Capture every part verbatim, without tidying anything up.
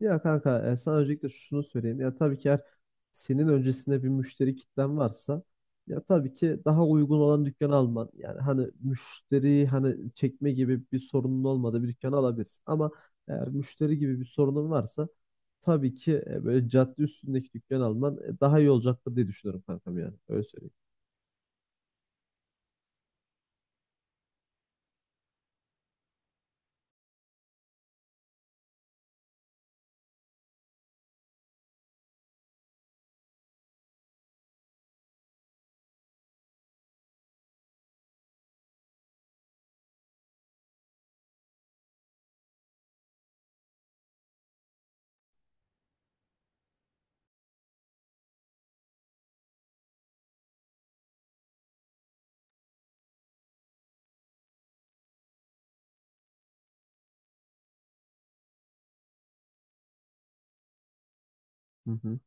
Ya kanka e, sana öncelikle şunu söyleyeyim. Ya tabii ki eğer senin öncesinde bir müşteri kitlen varsa ya tabii ki daha uygun olan dükkanı alman. Yani hani müşteri hani çekme gibi bir sorunun olmadığı bir dükkanı alabilirsin. Ama eğer müşteri gibi bir sorunun varsa tabii ki e, böyle cadde üstündeki dükkan alman e, daha iyi olacaktır diye düşünüyorum kankam yani. Öyle söyleyeyim. Hı hı,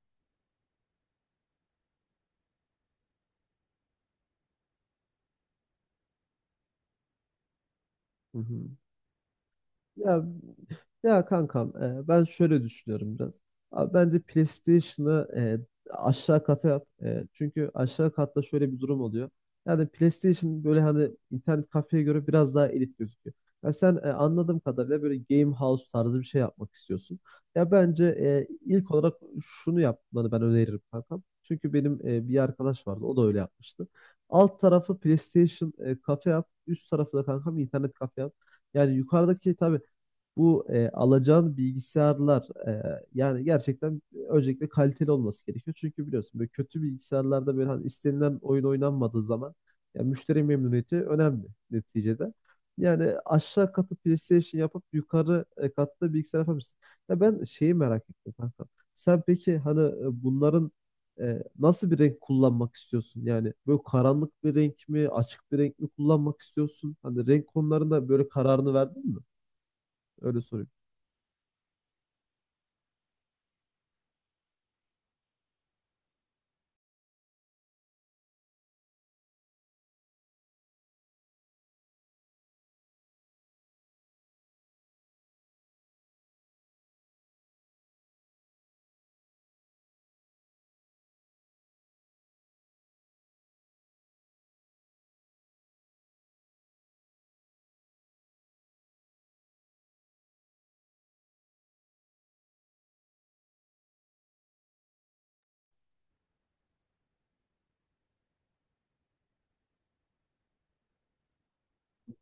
hı hı. Ya ya kankam, e, ben şöyle düşünüyorum biraz. Abi bence PlayStation'ı e, aşağı kata yap. E, çünkü aşağı katta şöyle bir durum oluyor. Yani PlayStation böyle hani internet kafeye göre biraz daha elit gözüküyor. Ya sen, e, anladığım kadarıyla böyle game house tarzı bir şey yapmak istiyorsun. Ya bence e, ilk olarak şunu yapmanı ben öneririm kankam. Çünkü benim e, bir arkadaş vardı, o da öyle yapmıştı. Alt tarafı PlayStation e, kafe yap. Üst tarafı da kankam internet kafe yap. Yani yukarıdaki tabii bu e, alacağın bilgisayarlar, e, yani gerçekten öncelikle kaliteli olması gerekiyor. Çünkü biliyorsun böyle kötü bilgisayarlarda böyle hani istenilen oyun oynanmadığı zaman yani müşteri memnuniyeti önemli neticede. Yani aşağı katı PlayStation yapıp yukarı e, katta bilgisayar yapabilirsin. Ya ben şeyi merak ettim kanka. Sen peki hani, e, bunların e, nasıl bir renk kullanmak istiyorsun? Yani böyle karanlık bir renk mi, açık bir renk mi kullanmak istiyorsun? Hani renk konularında böyle kararını verdin mi? Öyle sorayım.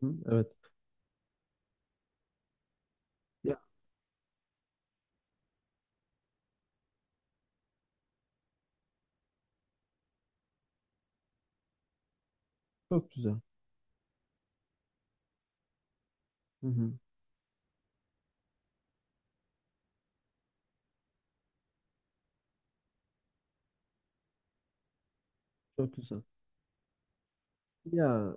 Hı, evet. Ya çok güzel. Hı hı, çok güzel. Ya,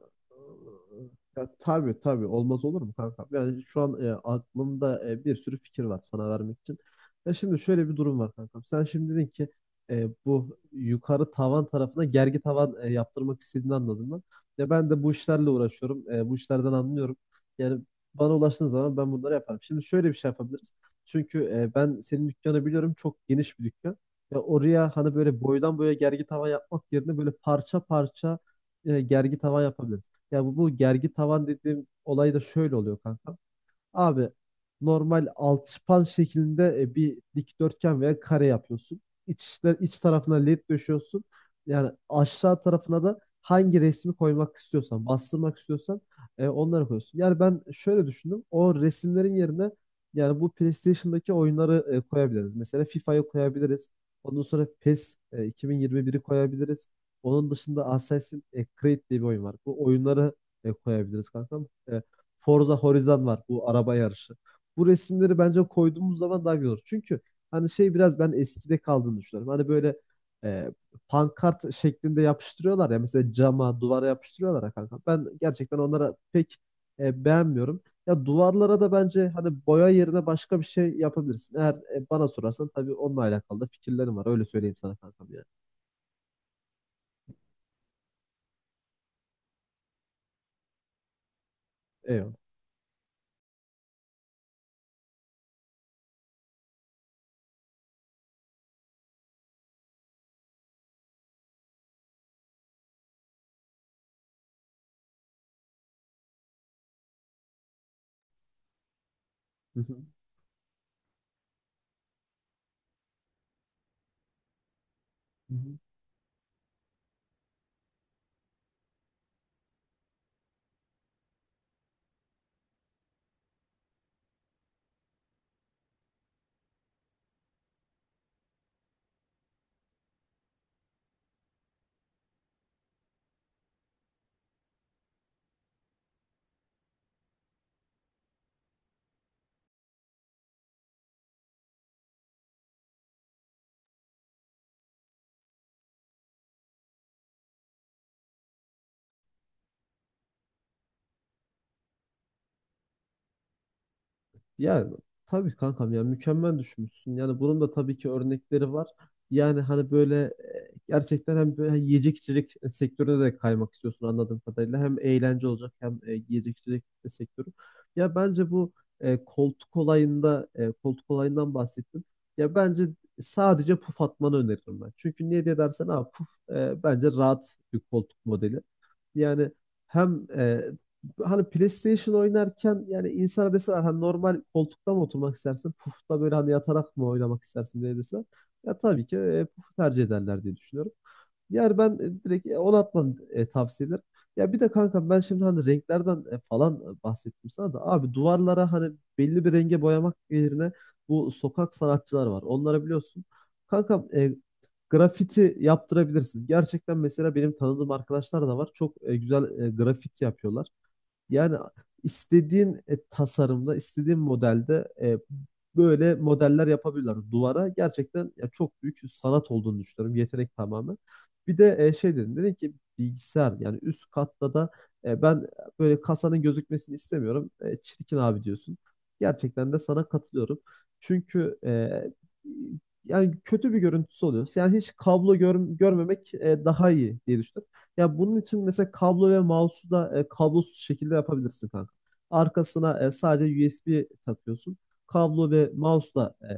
ya tabii tabii, olmaz olur mu kanka? Yani şu an e, aklımda e, bir sürü fikir var sana vermek için. Ya şimdi şöyle bir durum var kanka. Sen şimdi dedin ki, e, bu yukarı tavan tarafına gergi tavan e, yaptırmak istediğini anladım ben. Ya ben de bu işlerle uğraşıyorum. E, bu işlerden anlıyorum. Yani bana ulaştığın zaman ben bunları yaparım. Şimdi şöyle bir şey yapabiliriz. Çünkü e, ben senin dükkanı biliyorum. Çok geniş bir dükkan. Ya oraya hani böyle boydan boya gergi tavan yapmak yerine böyle parça parça e, gergi tavan yapabiliriz. Ya bu, bu gergi tavan dediğim olay da şöyle oluyor kanka. Abi normal alçıpan şeklinde e, bir dikdörtgen veya kare yapıyorsun. İç, işte- iç tarafına led döşüyorsun. Yani aşağı tarafına da hangi resmi koymak istiyorsan, bastırmak istiyorsan e, onları koyuyorsun. Yani ben şöyle düşündüm. O resimlerin yerine yani bu PlayStation'daki oyunları e, koyabiliriz. Mesela FIFA'yı koyabiliriz. Ondan sonra PES, e, iki bin yirmi biri koyabiliriz. Onun dışında Assassin's Creed diye bir oyun var. Bu oyunları e, koyabiliriz kankam. E, Forza Horizon var, bu araba yarışı. Bu resimleri bence koyduğumuz zaman daha güzel olur. Çünkü hani şey, biraz ben eskide kaldığını düşünüyorum. Hani böyle e, pankart şeklinde yapıştırıyorlar ya, mesela cama, duvara yapıştırıyorlar ya kanka. Ben gerçekten onlara pek e, beğenmiyorum. Ya duvarlara da bence hani boya yerine başka bir şey yapabilirsin. Eğer e, bana sorarsan tabii, onunla alakalı da fikirlerim var. Öyle söyleyeyim sana kankam yani. Eyvallah. Hı hı. Hı hı. Ya tabii kankam, ya mükemmel düşünmüşsün. Yani bunun da tabii ki örnekleri var. Yani hani böyle, e, gerçekten hem böyle yiyecek içecek sektörüne de kaymak istiyorsun anladığım kadarıyla. Hem eğlence olacak hem e, yiyecek içecek sektörü. Ya bence bu e, koltuk olayında, e, koltuk olayından bahsettin. Ya bence sadece puf atmanı öneririm ben. Çünkü niye diye dersen abi, puf e, bence rahat bir koltuk modeli. Yani hem, e, hani PlayStation oynarken yani insana deseler hani normal koltukta mı oturmak istersin? Pufta böyle hani yatarak mı oynamak istersin diye deseler. Ya tabii ki e, pufu tercih ederler diye düşünüyorum. Yani ben e, direkt, e, onu atmanı e, tavsiye ederim. Ya bir de kanka, ben şimdi hani renklerden e, falan e, bahsettim sana da, abi duvarlara hani belli bir renge boyamak yerine, bu sokak sanatçılar var. Onları biliyorsun. Kanka, Grafiti yaptırabilirsin. Gerçekten mesela benim tanıdığım arkadaşlar da var. Çok e, güzel e, grafit yapıyorlar. Yani istediğin e, tasarımda, istediğin modelde e, böyle modeller yapabilirler. Duvara gerçekten ya çok büyük sanat olduğunu düşünüyorum. Yetenek tamamen. Bir de e, şey dedim, dedim ki bilgisayar yani üst katta da e, ben böyle kasanın gözükmesini istemiyorum. E, çirkin abi diyorsun. Gerçekten de sana katılıyorum. Çünkü, e, yani kötü bir görüntüsü oluyor. Yani hiç kablo gör- görmemek e, daha iyi diye düşünüyorum. Ya bunun için mesela kablo ve mouse'u da e, kablosuz şekilde yapabilirsin kanka. Arkasına e, sadece U S B takıyorsun. Kablo ve mouse da e,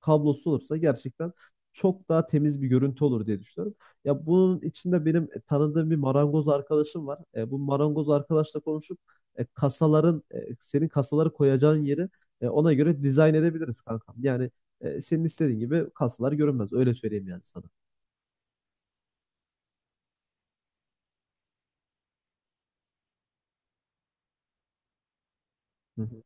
kablosuz olursa gerçekten çok daha temiz bir görüntü olur diye düşünüyorum. Ya bunun içinde benim e, tanıdığım bir marangoz arkadaşım var. E, bu marangoz arkadaşla konuşup e, kasaların, e, senin kasaları koyacağın yeri e, ona göre dizayn edebiliriz kankam. Yani e, senin istediğin gibi kasalar görünmez. Öyle söyleyeyim yani sana. Hı hı.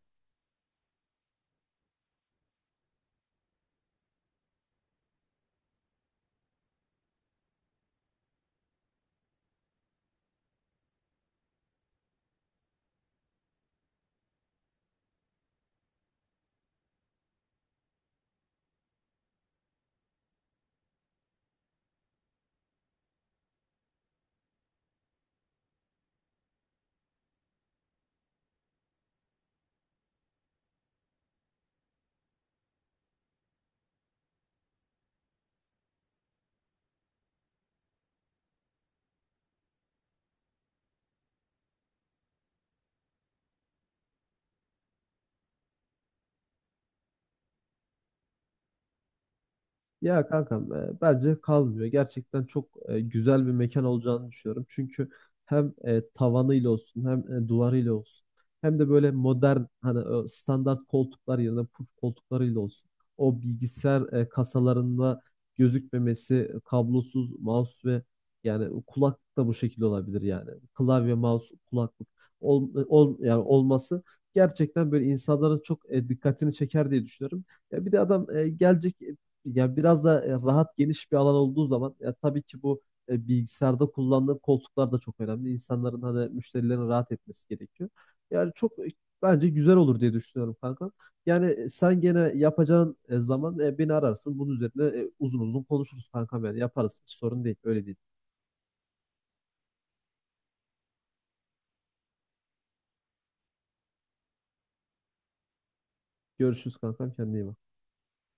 Ya kankam, e, bence kalmıyor. Gerçekten çok e, güzel bir mekan olacağını düşünüyorum. Çünkü hem e, tavanıyla olsun, hem e, duvarıyla olsun, hem de böyle modern hani o standart koltuklar yerine puf koltuklarıyla olsun. O bilgisayar e, kasalarında gözükmemesi, e, kablosuz mouse ve yani kulak da bu şekilde olabilir yani. Klavye, mouse, kulaklık ol, e, ol, yani olması gerçekten böyle insanların çok e, dikkatini çeker diye düşünüyorum. Ya bir de adam e, gelecek, ya biraz da e, rahat geniş bir alan olduğu zaman ya tabii ki bu e, bilgisayarda kullandığı koltuklar da çok önemli. İnsanların hani müşterilerin rahat etmesi gerekiyor. Yani çok, e, bence güzel olur diye düşünüyorum kanka. Yani e, sen gene yapacağın e, zaman e, beni ararsın. Bunun üzerine e, uzun uzun konuşuruz kankam, yani yaparız. Hiç sorun değil. Öyle değil. Görüşürüz kankam, kendine iyi bak.